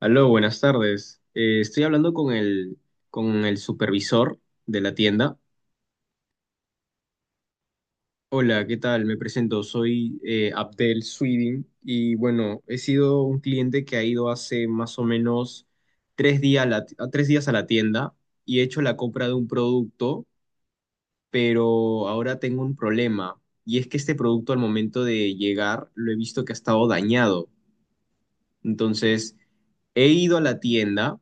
Aló, buenas tardes. Estoy hablando con el supervisor de la tienda. Hola, ¿qué tal? Me presento, soy Abdel Swidin, y bueno, he sido un cliente que ha ido hace más o menos tres días a la, a 3 días a la tienda y he hecho la compra de un producto, pero ahora tengo un problema, y es que este producto al momento de llegar lo he visto que ha estado dañado. Entonces, he ido a la tienda,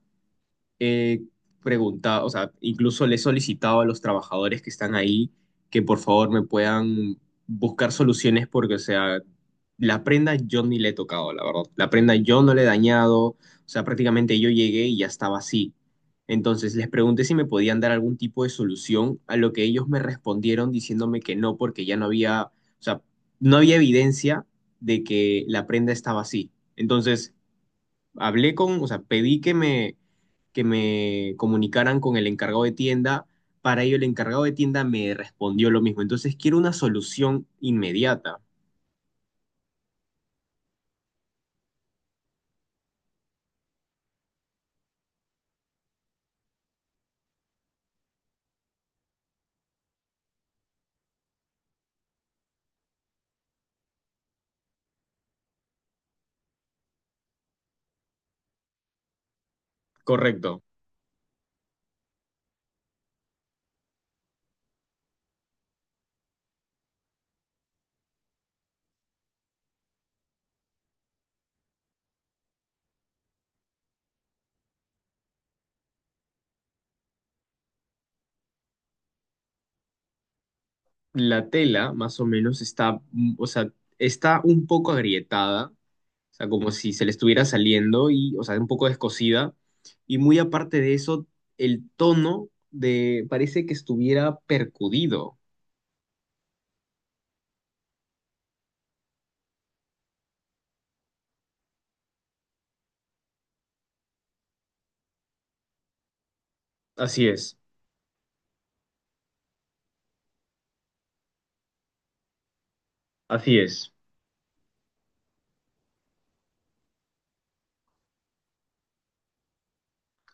he preguntado, o sea, incluso le he solicitado a los trabajadores que están ahí que por favor me puedan buscar soluciones porque, o sea, la prenda yo ni le he tocado, la verdad. La prenda yo no le he dañado, o sea, prácticamente yo llegué y ya estaba así. Entonces les pregunté si me podían dar algún tipo de solución, a lo que ellos me respondieron diciéndome que no, porque ya no había, o sea, no había evidencia de que la prenda estaba así. Entonces hablé con, o sea, pedí que me comunicaran con el encargado de tienda. Para ello, el encargado de tienda me respondió lo mismo. Entonces, quiero una solución inmediata. Correcto. La tela, más o menos, está, o sea, está un poco agrietada, o sea, como si se le estuviera saliendo y, o sea, un poco descosida. Y muy aparte de eso, el tono de, parece que estuviera percudido. Así es, así es,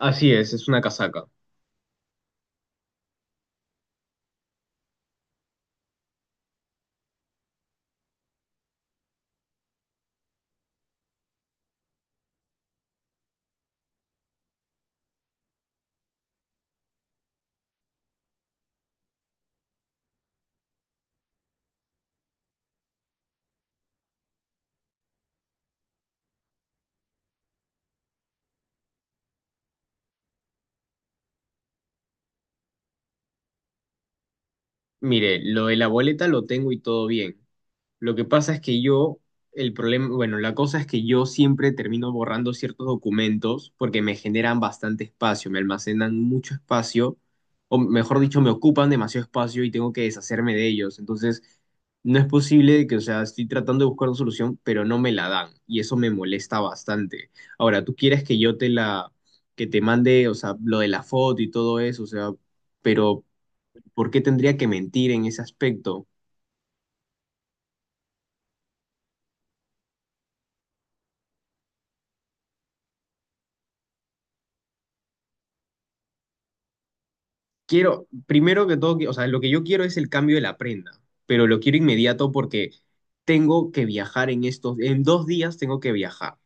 así es una casaca. Mire, lo de la boleta lo tengo y todo bien. Lo que pasa es que yo, el problema, bueno, la cosa es que yo siempre termino borrando ciertos documentos porque me generan bastante espacio, me almacenan mucho espacio, o mejor dicho, me ocupan demasiado espacio y tengo que deshacerme de ellos. Entonces, no es posible que, o sea, estoy tratando de buscar una solución, pero no me la dan y eso me molesta bastante. Ahora, tú quieres que yo te la, que te mande, o sea, lo de la foto y todo eso, o sea, pero ¿por qué tendría que mentir en ese aspecto? Quiero, primero que todo, que- o sea, lo que yo quiero es el cambio de la prenda, pero lo quiero inmediato porque tengo que viajar en estos, en 2 días tengo que viajar.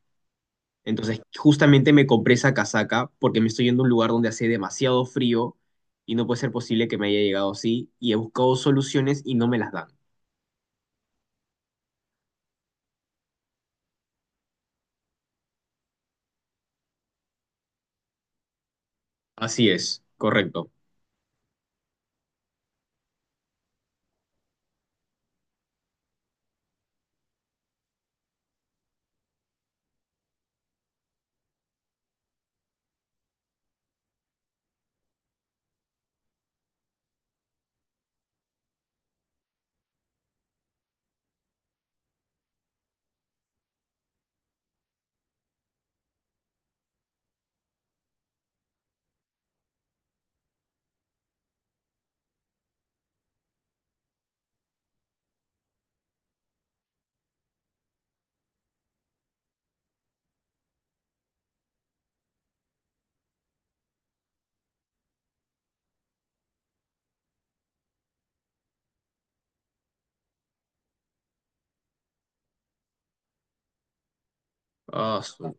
Entonces, justamente me compré esa casaca porque me estoy yendo a un lugar donde hace demasiado frío y no puede ser posible que me haya llegado así, y he buscado soluciones y no me las dan. Así es, correcto. Ah, su-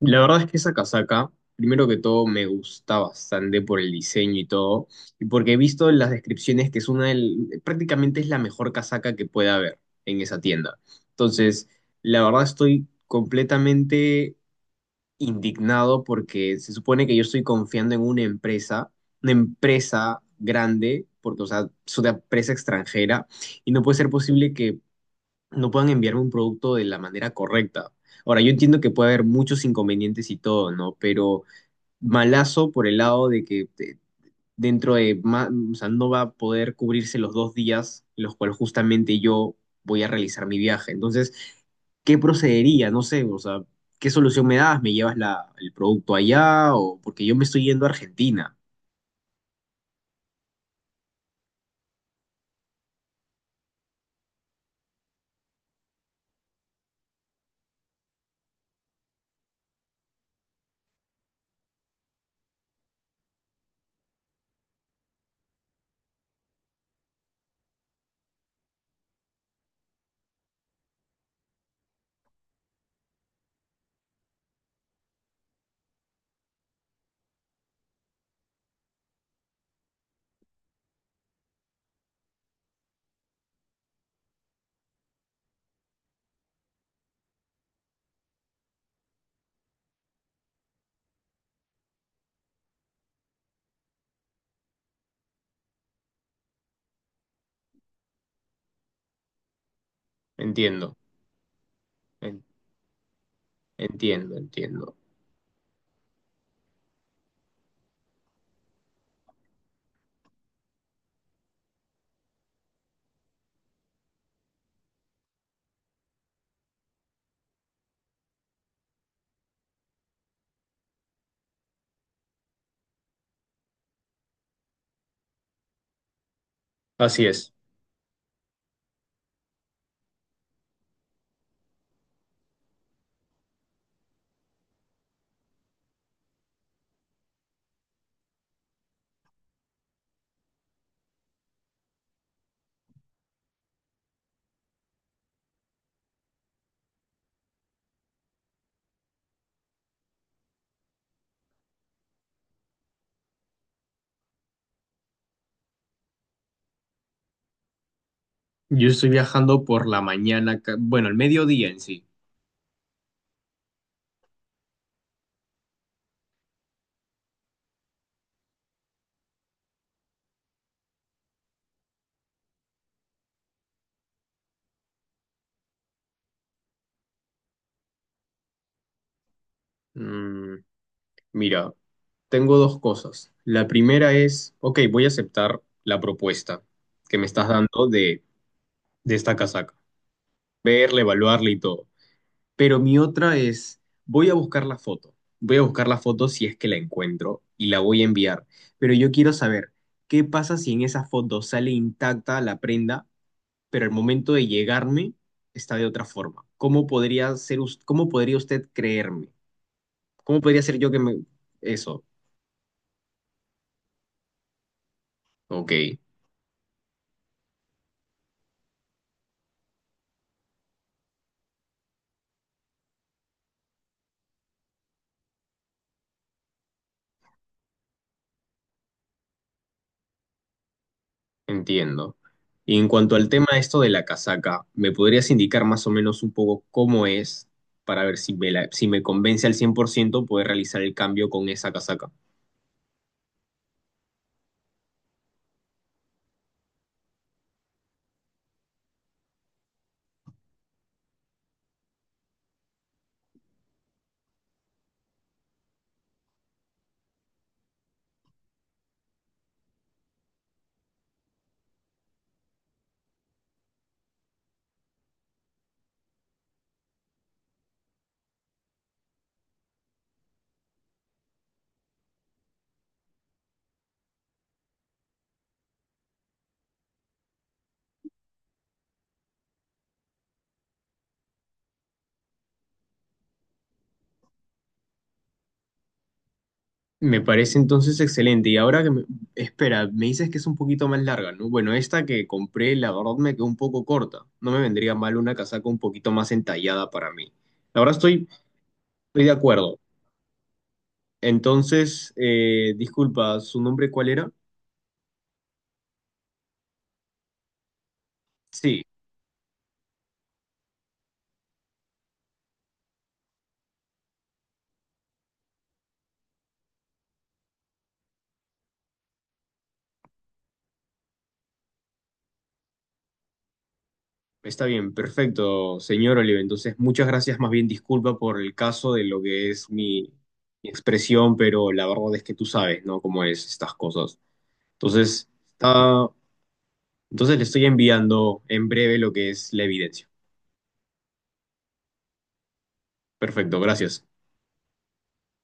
la verdad es que esa casaca, primero que todo, me gusta bastante por el diseño y todo, y porque he visto en las descripciones que es una del- prácticamente es la mejor casaca que puede haber en esa tienda. Entonces, la verdad estoy completamente indignado porque se supone que yo estoy confiando en una empresa grande, porque, o sea, es una empresa extranjera, y no puede ser posible que no puedan enviarme un producto de la manera correcta. Ahora, yo entiendo que puede haber muchos inconvenientes y todo, ¿no? Pero malazo por el lado de que te- dentro de, ma- o sea, no va a poder cubrirse los 2 días en los cuales justamente yo voy a realizar mi viaje. Entonces, ¿qué procedería? No sé, o sea, ¿qué solución me das? ¿Me llevas la, el producto allá? O porque yo me estoy yendo a Argentina. Entiendo, en- entiendo. Así es. Yo estoy viajando por la mañana, ca- bueno, el mediodía en sí. Mm, mira, tengo dos cosas. La primera es, ok, voy a aceptar la propuesta que me estás dando de esta casaca, verla, evaluarla y todo. Pero mi otra es, voy a buscar la foto. Voy a buscar la foto si es que la encuentro y la voy a enviar. Pero yo quiero saber, ¿qué pasa si en esa foto sale intacta la prenda, pero al momento de llegarme está de otra forma? ¿Cómo podría ser, us- cómo podría usted creerme? ¿Cómo podría ser yo que me... eso, ok. Entiendo. Y en cuanto al tema de esto de la casaca, ¿me podrías indicar más o menos un poco cómo es para ver si me, la- si me convence al 100% poder realizar el cambio con esa casaca? Me parece entonces excelente. Y ahora que me... espera, me dices que es un poquito más larga, ¿no? Bueno, esta que compré, la verdad me quedó un poco corta. No me vendría mal una casaca un poquito más entallada para mí. La verdad estoy de acuerdo. Entonces, disculpa, ¿su nombre cuál era? Sí. Está bien, perfecto, señor Olive. Entonces, muchas gracias. Más bien, disculpa por el caso de lo que es mi expresión, pero la verdad es que tú sabes, ¿no? Cómo es estas cosas. Entonces, está, entonces le estoy enviando en breve lo que es la evidencia. Perfecto, gracias.